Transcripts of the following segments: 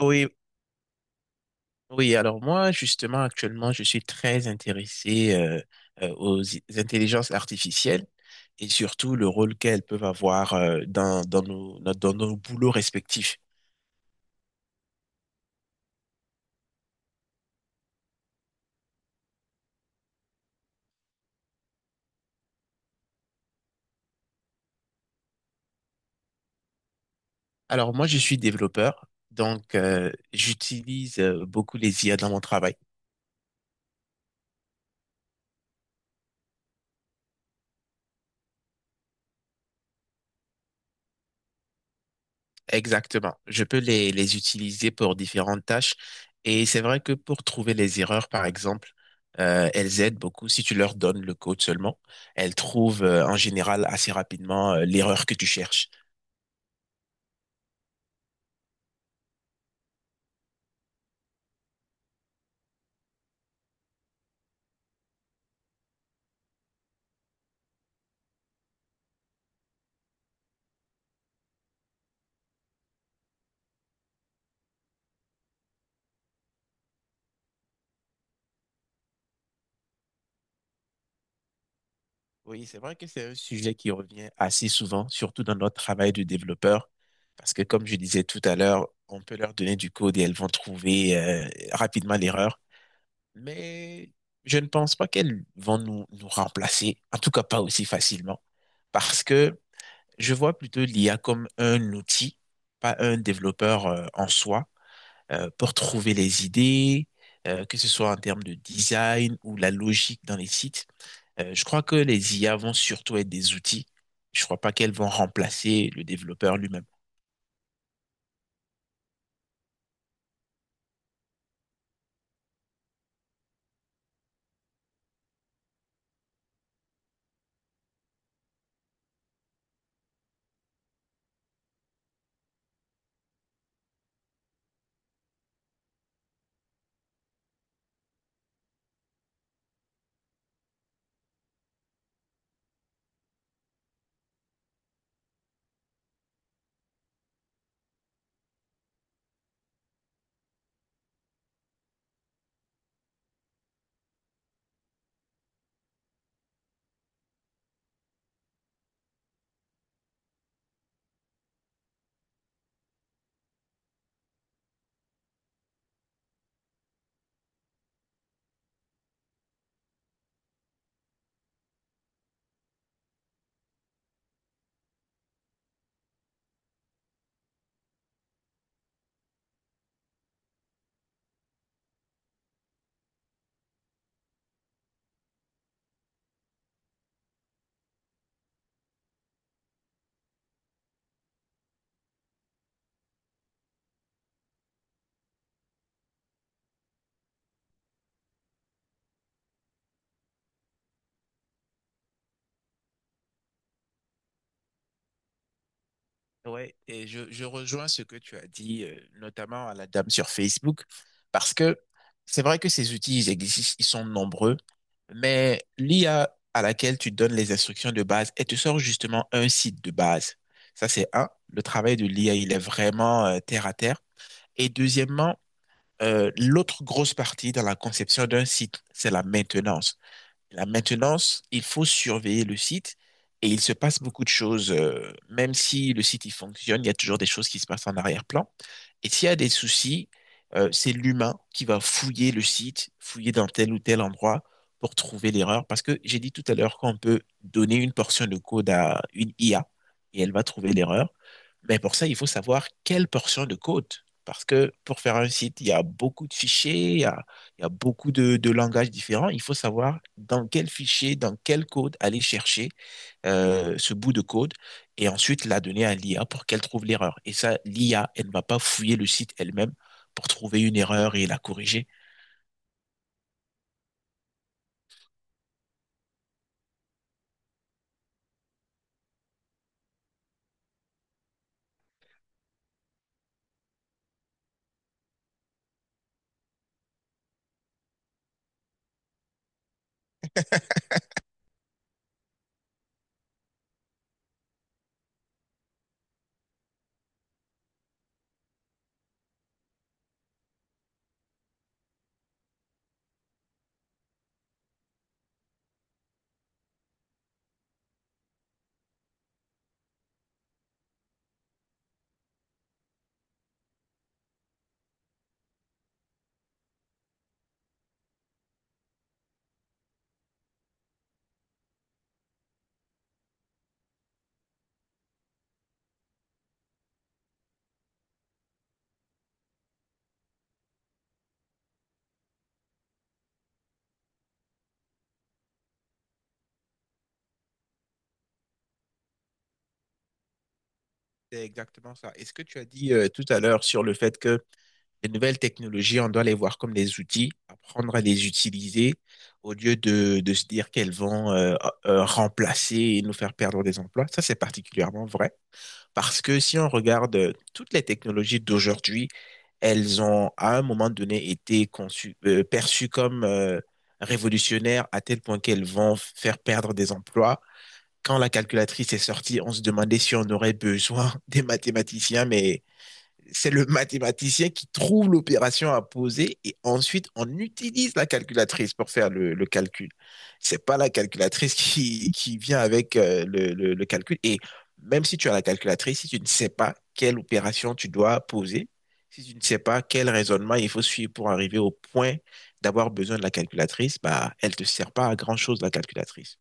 Oui, oui. Alors moi, justement, actuellement, je suis très intéressé aux intelligences artificielles et surtout le rôle qu'elles peuvent avoir dans nos, no- dans nos boulots respectifs. Alors moi, je suis développeur, donc j'utilise beaucoup les IA dans mon travail. Exactement. Je peux les utiliser pour différentes tâches. Et c'est vrai que pour trouver les erreurs, par exemple, elles aident beaucoup. Si tu leur donnes le code seulement, elles trouvent en général assez rapidement l'erreur que tu cherches. Oui, c'est vrai que c'est un sujet qui revient assez souvent, surtout dans notre travail de développeur, parce que comme je disais tout à l'heure, on peut leur donner du code et elles vont trouver rapidement l'erreur. Mais je ne pense pas qu'elles vont nous remplacer, en tout cas pas aussi facilement. Parce que je vois plutôt l'IA comme un outil, pas un développeur en soi, pour trouver les idées, que ce soit en termes de design ou la logique dans les sites. Je crois que les IA vont surtout être des outils. Je crois pas qu'elles vont remplacer le développeur lui-même. Ouais, et je rejoins ce que tu as dit, notamment à la dame sur Facebook, parce que c'est vrai que ces outils, ils existent, ils sont nombreux, mais l'IA à laquelle tu donnes les instructions de base, elle te sort justement un site de base. Ça, c'est un. Le travail de l'IA, il est vraiment terre à terre. Et deuxièmement, l'autre grosse partie dans la conception d'un site, c'est la maintenance. La maintenance, il faut surveiller le site et il se passe beaucoup de choses. Même si le site il fonctionne, il y a toujours des choses qui se passent en arrière-plan. Et s'il y a des soucis, c'est l'humain qui va fouiller le site, fouiller dans tel ou tel endroit pour trouver l'erreur. Parce que j'ai dit tout à l'heure qu'on peut donner une portion de code à une IA et elle va trouver l'erreur. Mais pour ça, il faut savoir quelle portion de code. Parce que pour faire un site, il y a beaucoup de fichiers, il y a beaucoup de langages différents. Il faut savoir dans quel fichier, dans quel code aller chercher ce bout de code et ensuite la donner à l'IA pour qu'elle trouve l'erreur. Et ça, l'IA, elle ne va pas fouiller le site elle-même pour trouver une erreur et la corriger. C'est exactement ça. Et ce que tu as dit tout à l'heure sur le fait que les nouvelles technologies, on doit les voir comme des outils, apprendre à les utiliser au lieu de se dire qu'elles vont remplacer et nous faire perdre des emplois. Ça, c'est particulièrement vrai parce que si on regarde toutes les technologies d'aujourd'hui, elles ont à un moment donné été conçues, perçues comme révolutionnaires à tel point qu'elles vont faire perdre des emplois. Quand la calculatrice est sortie, on se demandait si on aurait besoin des mathématiciens, mais c'est le mathématicien qui trouve l'opération à poser et ensuite on utilise la calculatrice pour faire le calcul. C'est pas la calculatrice qui vient avec le calcul. Et même si tu as la calculatrice, si tu ne sais pas quelle opération tu dois poser, si tu ne sais pas quel raisonnement il faut suivre pour arriver au point d'avoir besoin de la calculatrice, bah, elle te sert pas à grand-chose, la calculatrice.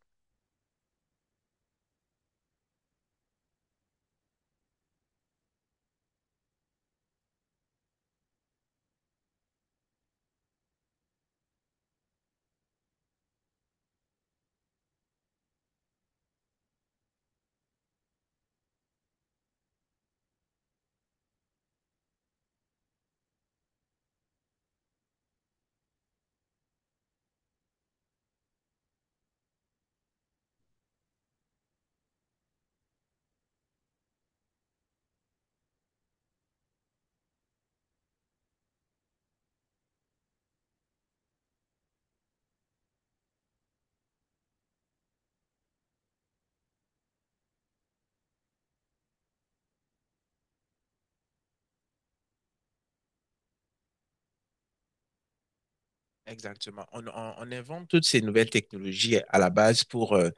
Exactement. On invente toutes ces nouvelles technologies à la base pour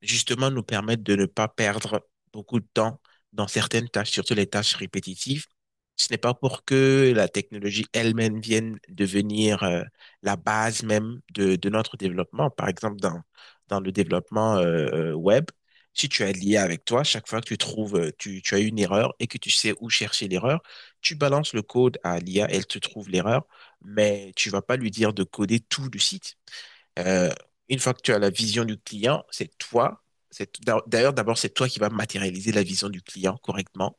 justement nous permettre de ne pas perdre beaucoup de temps dans certaines tâches, surtout les tâches répétitives. Ce n'est pas pour que la technologie elle-même vienne devenir la base même de notre développement. Par exemple, dans le développement web, si tu as lié avec toi, chaque fois que tu trouves, tu as une erreur et que tu sais où chercher l'erreur, tu balances le code à l'IA, elle te trouve l'erreur mais tu vas pas lui dire de coder tout le site. Euh, une fois que tu as la vision du client, c'est toi. C'est, d'ailleurs, d'abord c'est toi qui vas matérialiser la vision du client correctement.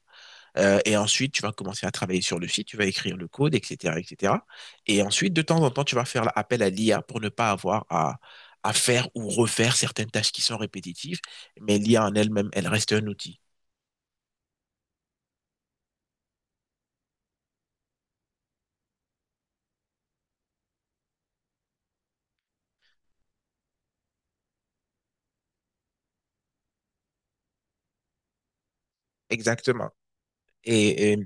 Et ensuite, tu vas commencer à travailler sur le site, tu vas écrire le code, etc., etc. Et cetera. Et ensuite, de temps en temps, tu vas faire appel à l'IA pour ne pas avoir à faire ou refaire certaines tâches qui sont répétitives. Mais l'IA en elle-même, elle reste un outil. Exactement. Et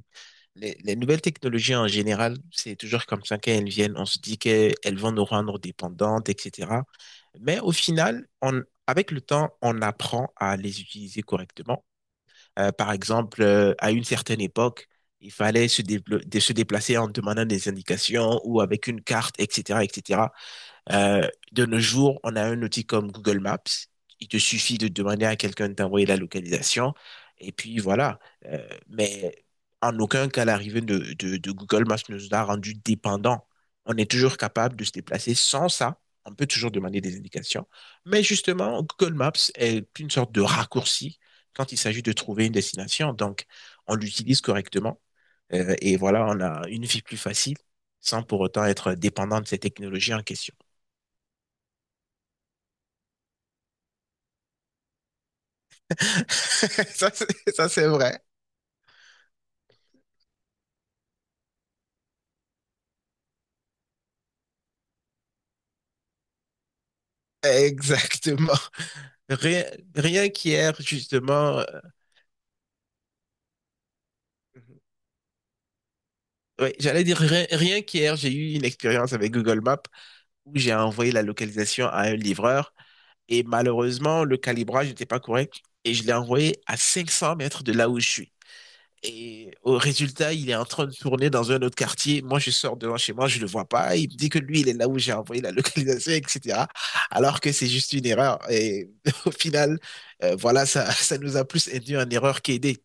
les nouvelles technologies en général, c'est toujours comme ça qu'elles viennent. On se dit qu'elles vont nous rendre dépendantes, etc. Mais au final, avec le temps, on apprend à les utiliser correctement. Par exemple, à une certaine époque, il fallait se déplacer en demandant des indications ou avec une carte, etc., etc. Euh, de nos jours, on a un outil comme Google Maps. Il te suffit de demander à quelqu'un de t'envoyer la localisation. Et puis voilà. Mais en aucun cas, l'arrivée de Google Maps nous a rendu dépendants. On est toujours capable de se déplacer sans ça. On peut toujours demander des indications. Mais justement, Google Maps est une sorte de raccourci quand il s'agit de trouver une destination. Donc, on l'utilise correctement. Et voilà, on a une vie plus facile sans pour autant être dépendant de ces technologies en question. Ça, c'est vrai. Exactement. Rien, Rien qu'hier, justement, oui, j'allais dire rien qu'hier, j'ai eu une expérience avec Google Maps où j'ai envoyé la localisation à un livreur et malheureusement, le calibrage n'était pas correct et je l'ai envoyé à 500 mètres de là où je suis. Et au résultat, il est en train de tourner dans un autre quartier. Moi, je sors devant chez moi, je ne le vois pas. Il me dit que lui, il est là où j'ai envoyé la localisation, etc. Alors que c'est juste une erreur. Et au final, voilà, ça nous a plus induit en erreur qu'aidé.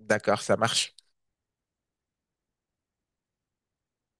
D'accord, ça marche.